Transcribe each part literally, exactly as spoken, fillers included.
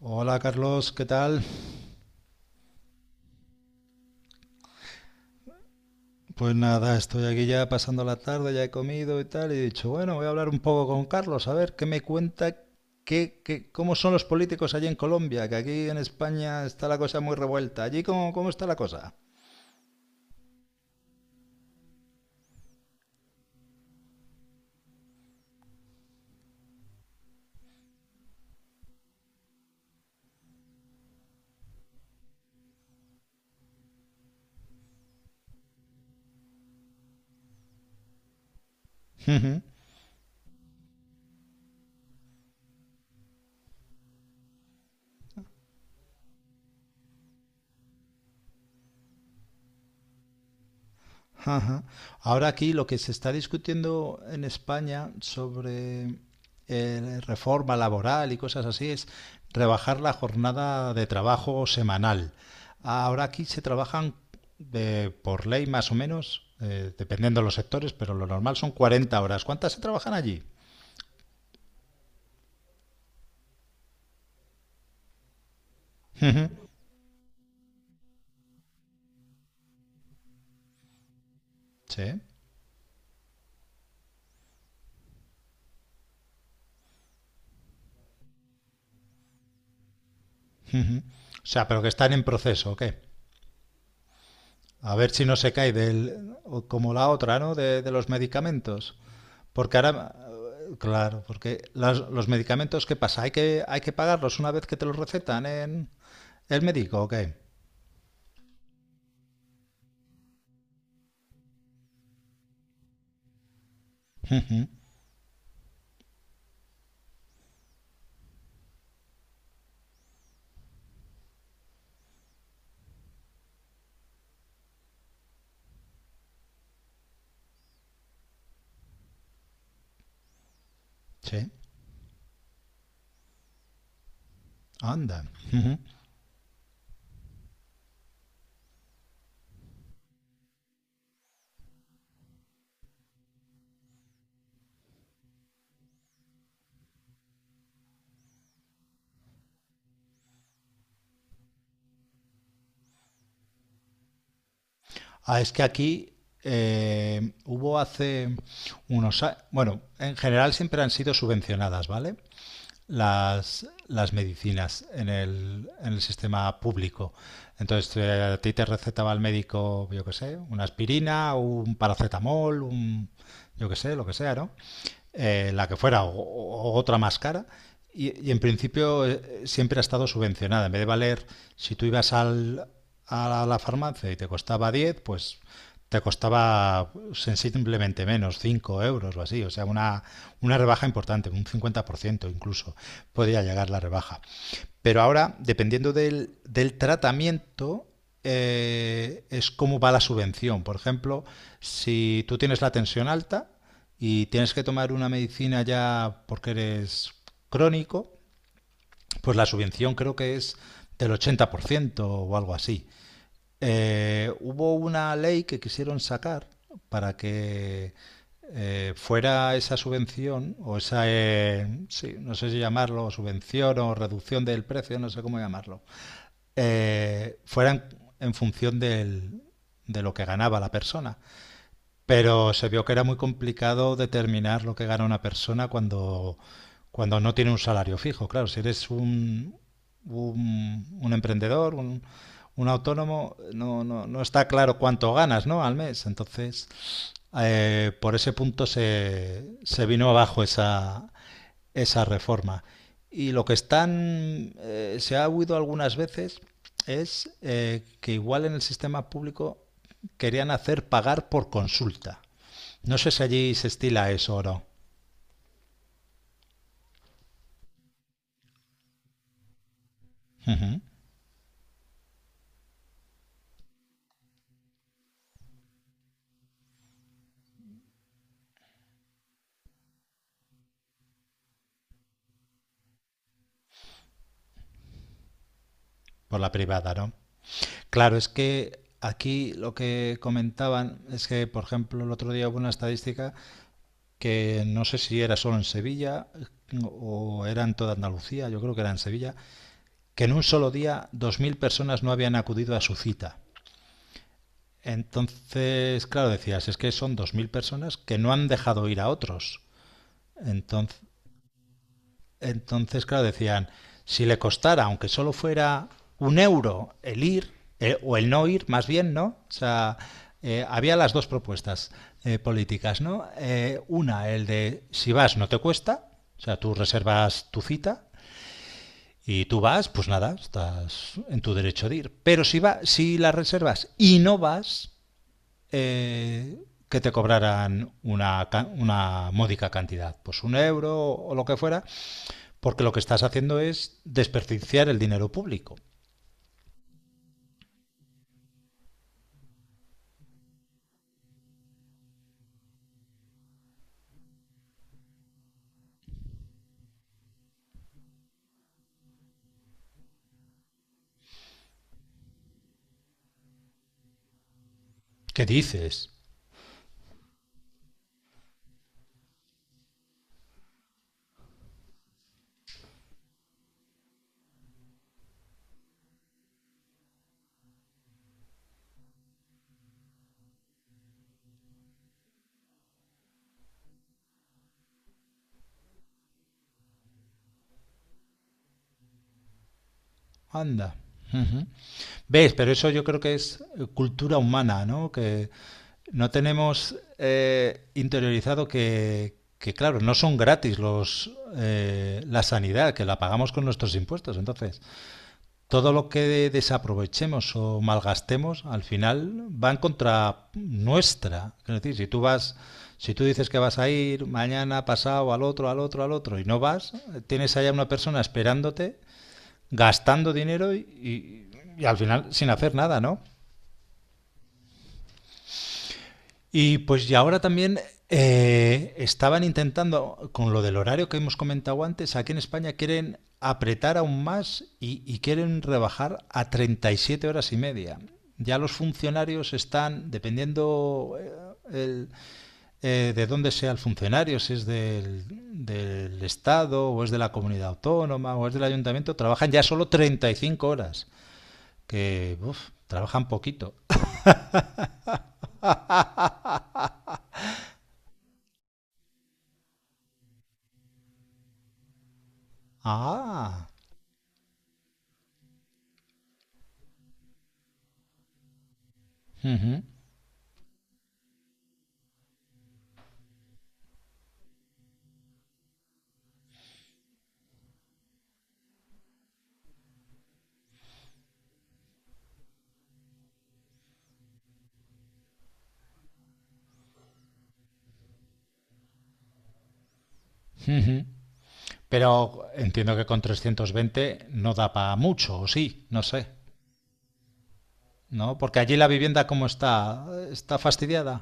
Hola Carlos, ¿qué tal? Pues nada, estoy aquí ya pasando la tarde, ya he comido y tal, y he dicho, bueno, voy a hablar un poco con Carlos, a ver qué me cuenta, qué, qué- cómo son los políticos allí en Colombia, que aquí en España está la cosa muy revuelta. ¿Allí cómo, cómo está la cosa? Ajá. Ahora aquí lo que se está discutiendo en España sobre eh, reforma laboral y cosas así es rebajar la jornada de trabajo semanal. Ahora aquí se trabajan de- por ley más o menos, eh, dependiendo de los sectores, pero lo normal son cuarenta horas. ¿Cuántas se trabajan allí? Ujú. Sí. O sea, pero que están en proceso, ¿o qué? A ver si no se cae del, o como la otra, ¿no? De, de los medicamentos. Porque ahora, eh, claro, porque los, los medicamentos, ¿qué pasa? ¿Hay que, ¿Hay que pagarlos una vez que te los recetan en el médico o qué? Sí, anda. Ujú. Ah, es que aquí eh, hubo hace unos años, bueno, en general siempre han sido subvencionadas, ¿vale? las, las medicinas en el, en el sistema público. Entonces, eh, a ti te recetaba el médico, yo qué sé, una aspirina, un paracetamol, un, yo qué sé, lo que sea, ¿no? Eh, la que fuera, o, o otra más cara. Y, y en principio eh, siempre ha estado subvencionada. En vez de valer, si tú ibas al, a la, farmacia y te costaba diez, pues te costaba sensiblemente menos, cinco euros o así, o sea, una, una rebaja importante, un cincuenta por ciento incluso podía llegar la rebaja. Pero ahora, dependiendo del, del tratamiento, eh, es cómo va la subvención. Por ejemplo, si tú tienes la tensión alta y tienes que tomar una medicina ya porque eres crónico, pues la subvención creo que es del ochenta por ciento o algo así. Eh, hubo una ley que quisieron sacar para que eh, fuera esa subvención o esa, eh, sí, no sé si llamarlo subvención o reducción del precio, no sé cómo llamarlo, eh, fueran en función del- de lo que ganaba la persona. Pero se vio que era muy complicado determinar lo que gana una persona cuando, cuando no tiene un salario fijo. Claro, si eres un, un, un emprendedor, un, un autónomo, no, no, no está claro cuánto ganas, ¿no? Al mes. Entonces, eh, por ese punto se, se vino abajo esa, esa reforma. Y lo que están, eh, se ha huido algunas veces es eh, que igual en el sistema público querían hacer pagar por consulta. No sé si allí se estila eso o no. Ujú. Por la privada, ¿no? Claro, es que aquí lo que comentaban es que, por ejemplo, el otro día hubo una estadística que no sé si era solo en Sevilla o era en toda Andalucía, yo creo que era en Sevilla, que en un solo día dos mil personas no habían acudido a su cita. Entonces, claro, decías, es que son dos mil personas que no han dejado ir a otros. Entonces, entonces, claro, decían, si le costara, aunque solo fuera un euro el ir, eh, o el no ir, más bien, ¿no? O sea, eh, había las dos propuestas eh, políticas, ¿no? Eh, una, el de si vas no te cuesta, o sea, tú reservas tu cita y tú vas, pues nada, estás en tu derecho de ir. Pero si, va, si la reservas y no vas, eh, que te cobraran una, una módica cantidad, pues un euro o lo que fuera, porque lo que estás haciendo es desperdiciar el dinero público. ¿Qué dices? Anda. Ujú. ¿Ves? Pero eso yo creo que es eh, cultura humana, ¿no? Que no tenemos eh, interiorizado que, que, claro, no son gratis los, eh, la sanidad, que la pagamos con nuestros impuestos. Entonces, todo lo que desaprovechemos o malgastemos al final va en contra nuestra. Es decir, si tú vas, si tú dices que vas a ir mañana, pasado, al otro, al otro, al otro y no vas, tienes allá una persona esperándote, gastando dinero y, y, y al final sin hacer nada, ¿no? Y pues y ahora también eh, estaban intentando, con lo del horario que hemos comentado antes, aquí en España quieren apretar aún más y, y quieren rebajar a treinta y siete horas y media. Ya los funcionarios están, dependiendo eh, el- eh, de dónde sea el funcionario, si es del, del Estado o es de la comunidad autónoma o es del ayuntamiento, trabajan ya solo treinta y cinco horas, que uf, trabajan poquito. Ah, ujú. Pero entiendo que con trescientos veinte no da para mucho, o sí, no sé, ¿no? Porque allí la vivienda cómo está, está fastidiada.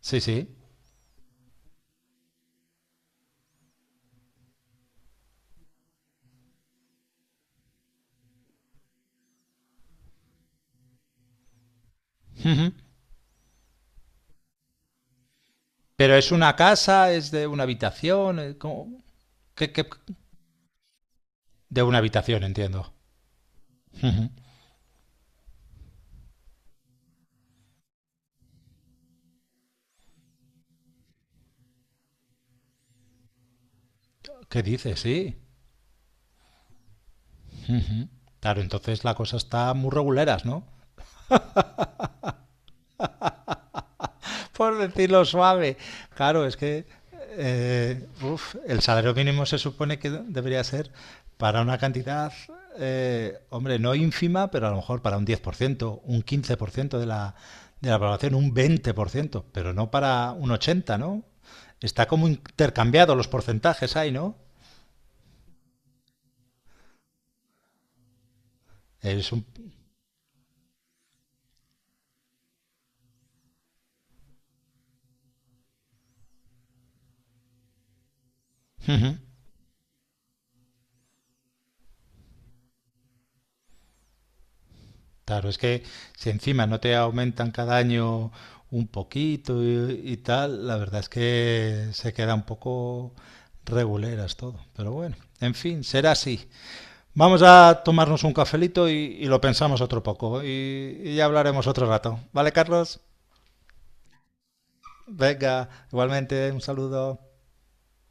Sí, sí. Pero es una casa, es de una habitación, eh, ¿cómo? ¿Qué- ¿qué? De una habitación, entiendo. ¿Qué dices? Sí. Claro, entonces la cosa está muy reguleras, ¿no? Por decirlo suave. Claro, es que eh, uf, el salario mínimo se supone que debería ser para una cantidad, eh, hombre, no ínfima, pero a lo mejor para un diez por ciento, un quince por ciento de la, de la población, un veinte por ciento, pero no para un ochenta por ciento, ¿no? Está como intercambiado los porcentajes ahí, ¿no? Es un... Ujú. Claro, es que si encima no te aumentan cada año un poquito y, y tal, la verdad es que se queda un poco reguleras todo. Pero bueno, en fin, será así. Vamos a tomarnos un cafelito y, y lo pensamos otro poco y, y ya hablaremos otro rato. ¿Vale, Carlos? Venga, igualmente, un saludo.